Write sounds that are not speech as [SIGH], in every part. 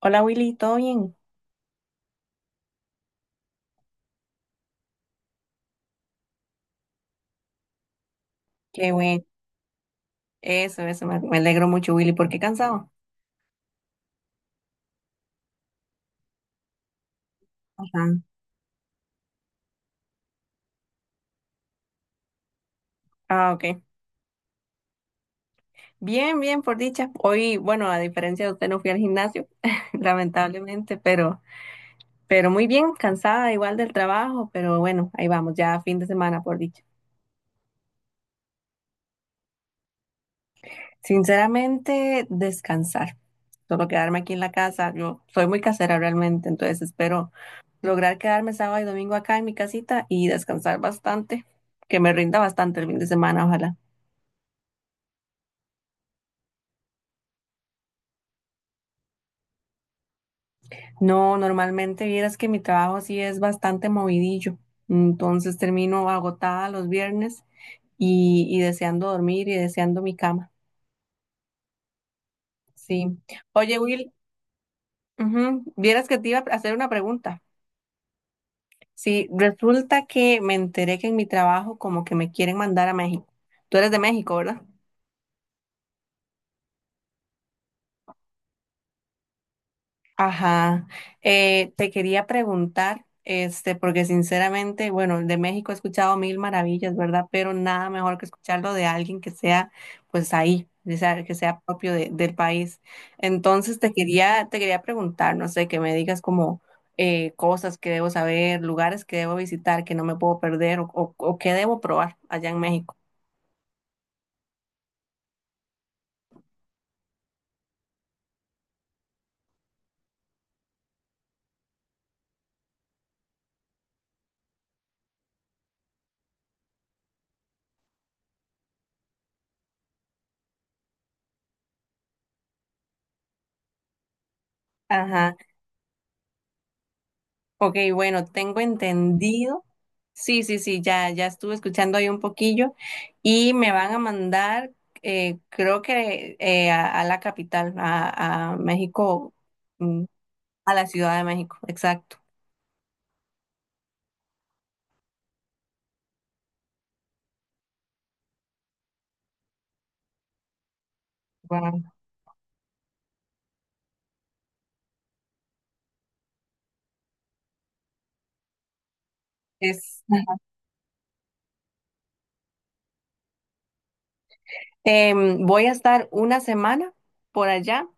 Hola Willy, ¿todo bien? Qué bueno. Me alegro mucho Willy, ¿por qué cansado? Ajá. Ah, ok. Bien, bien, por dicha. Hoy, bueno, a diferencia de usted no fui al gimnasio, [LAUGHS] lamentablemente, pero muy bien, cansada igual del trabajo, pero bueno, ahí vamos, ya fin de semana, por dicha. Sinceramente, descansar. Solo quedarme aquí en la casa. Yo soy muy casera realmente, entonces espero lograr quedarme sábado y domingo acá en mi casita y descansar bastante, que me rinda bastante el fin de semana, ojalá. No, normalmente vieras que mi trabajo sí es bastante movidillo, entonces termino agotada los viernes y deseando dormir y deseando mi cama. Sí. Oye, Will, ujú, vieras que te iba a hacer una pregunta. Sí, resulta que me enteré que en mi trabajo como que me quieren mandar a México. Tú eres de México, ¿verdad? Ajá, te quería preguntar, este, porque sinceramente, bueno, de México he escuchado mil maravillas, ¿verdad? Pero nada mejor que escucharlo de alguien que sea, pues ahí, o sea, que sea propio del país. Entonces te quería preguntar, no sé, que me digas como cosas que debo saber, lugares que debo visitar, que no me puedo perder o que debo probar allá en México. Ajá, ok, bueno, tengo entendido. Sí, sí, sí, ya estuve escuchando ahí un poquillo y me van a mandar, creo que a la capital, a México, mm, a la Ciudad de México, exacto. Wow. Es, voy a estar una semana por allá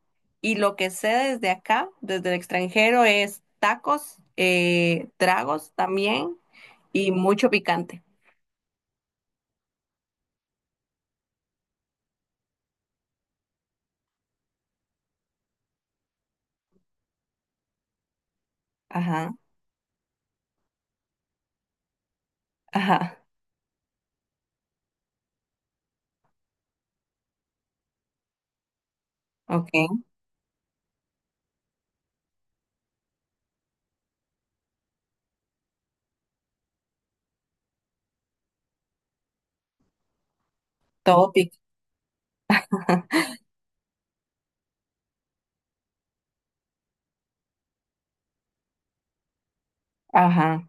y lo que sé desde acá, desde el extranjero, es tacos, tragos también y mucho picante. Ajá, ajá, ok, todo pica, [LAUGHS] ajá.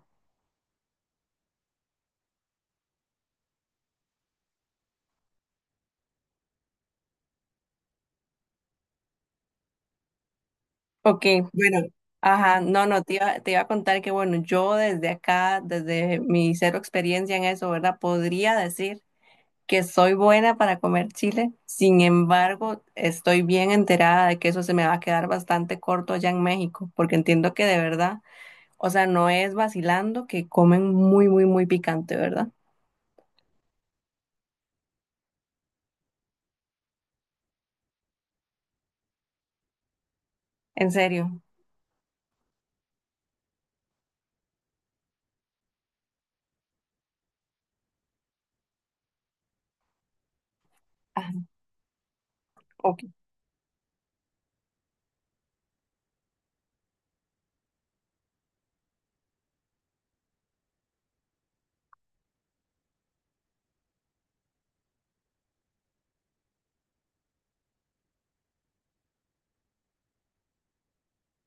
Ok, Bueno, ajá, no, no, te iba a contar que bueno, yo desde acá, desde mi cero experiencia en eso, ¿verdad? Podría decir que soy buena para comer chile, sin embargo, estoy bien enterada de que eso se me va a quedar bastante corto allá en México, porque entiendo que de verdad, o sea, no es vacilando que comen muy, muy, muy picante, ¿verdad? En serio. Ajá, ok.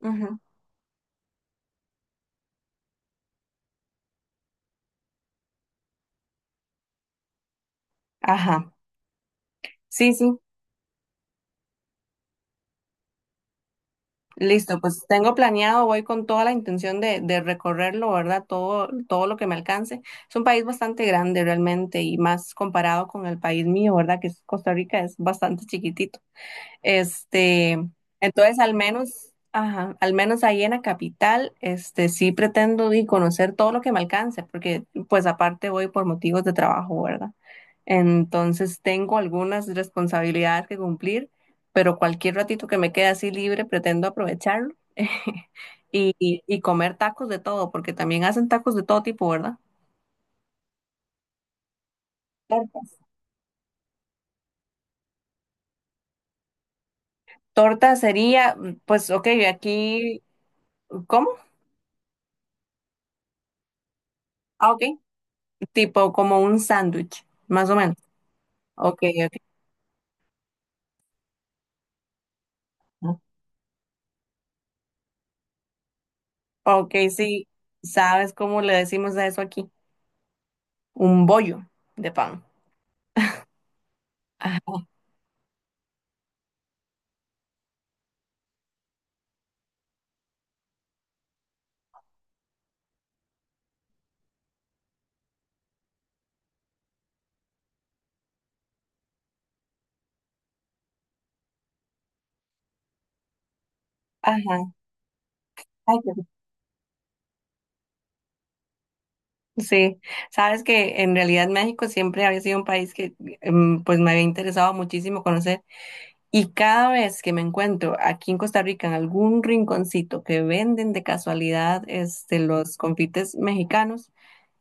Ujú. Ajá, sí, sí. Listo, pues tengo planeado, voy con toda la intención de recorrerlo, ¿verdad? Todo, todo lo que me alcance. Es un país bastante grande realmente y más comparado con el país mío, ¿verdad? Que es Costa Rica, es bastante chiquitito. Este, entonces al menos, ajá, al menos ahí en la capital, este, sí pretendo y conocer todo lo que me alcance, porque pues aparte voy por motivos de trabajo, ¿verdad? Entonces tengo algunas responsabilidades que cumplir, pero cualquier ratito que me quede así libre, pretendo aprovecharlo [LAUGHS] y comer tacos de todo, porque también hacen tacos de todo tipo, ¿verdad? Tortas. Torta sería, pues, ok, aquí, ¿cómo? Ah, ok. Tipo como un sándwich, más o menos. Ok, ok. Ok, sí, ¿sabes cómo le decimos a eso aquí? Un bollo de pan. Ajá, ajá. Ay, qué rico. Sí, sabes que en realidad México siempre había sido un país que pues me había interesado muchísimo conocer y cada vez que me encuentro aquí en Costa Rica en algún rinconcito que venden de casualidad este, los confites mexicanos,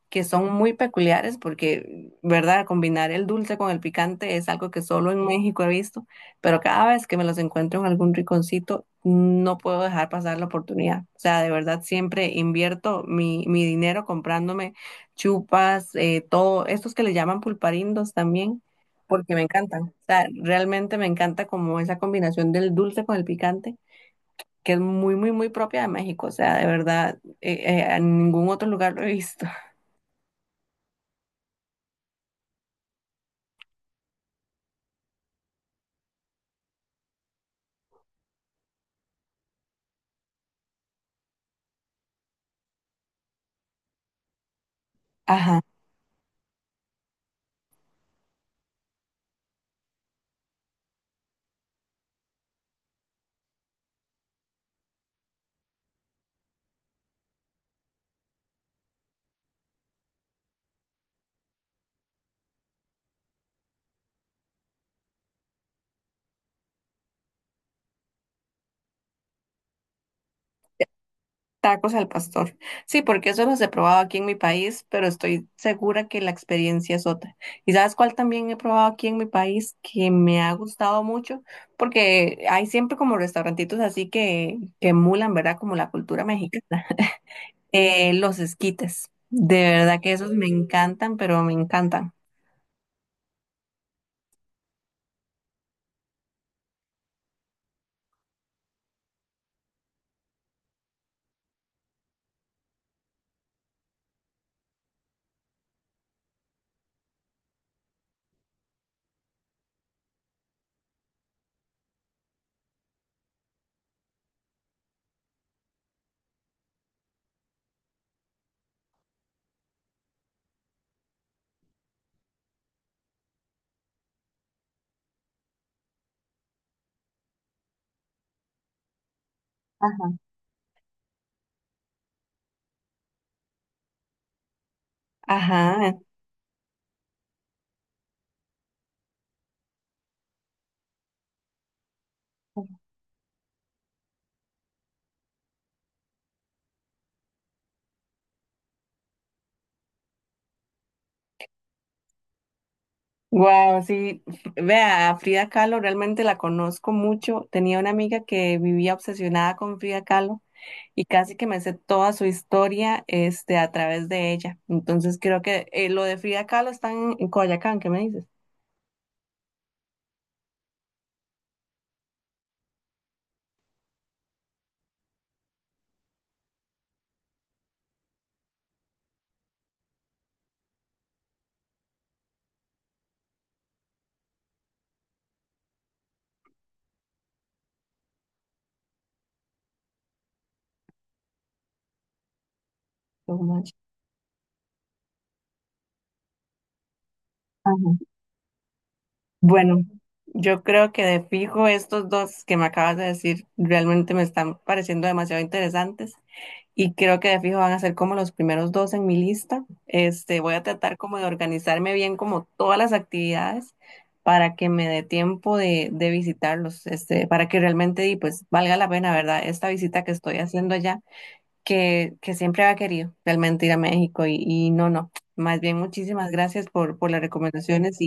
que son muy peculiares porque, ¿verdad? Combinar el dulce con el picante es algo que solo en México he visto, pero cada vez que me los encuentro en algún rinconcito, no puedo dejar pasar la oportunidad. O sea, de verdad siempre invierto mi dinero comprándome chupas, todo, estos que le llaman pulparindos también, porque me encantan. O sea, realmente me encanta como esa combinación del dulce con el picante. Que es muy, muy, muy propia de México, o sea, de verdad, en ningún otro lugar lo he visto. Ajá. Tacos al pastor. Sí, porque eso los he probado aquí en mi país, pero estoy segura que la experiencia es otra. ¿Y sabes cuál también he probado aquí en mi país que me ha gustado mucho? Porque hay siempre como restaurantitos así que emulan, ¿verdad? Como la cultura mexicana. [LAUGHS] Los esquites. De verdad que esos me encantan, pero me encantan. Ajá. Ajá. Wow, sí. Vea, a Frida Kahlo realmente la conozco mucho. Tenía una amiga que vivía obsesionada con Frida Kahlo. Y casi que me sé toda su historia este, a través de ella. Entonces creo que lo de Frida Kahlo está en Coyoacán, ¿qué me dices? No manches. Bueno, yo creo que de fijo estos dos que me acabas de decir realmente me están pareciendo demasiado interesantes y creo que de fijo van a ser como los primeros dos en mi lista. Este, voy a tratar como de organizarme bien como todas las actividades para que me dé tiempo de visitarlos, este, para que realmente y pues valga la pena, ¿verdad? Esta visita que estoy haciendo allá, que siempre había querido realmente ir a México y no, no. Más bien, muchísimas gracias por las recomendaciones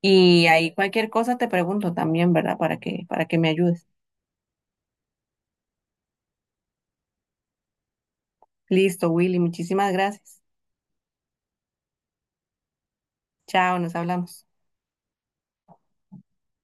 y ahí cualquier cosa te pregunto también, ¿verdad? Para que me ayudes. Listo, Willy, muchísimas gracias. Chao, nos hablamos.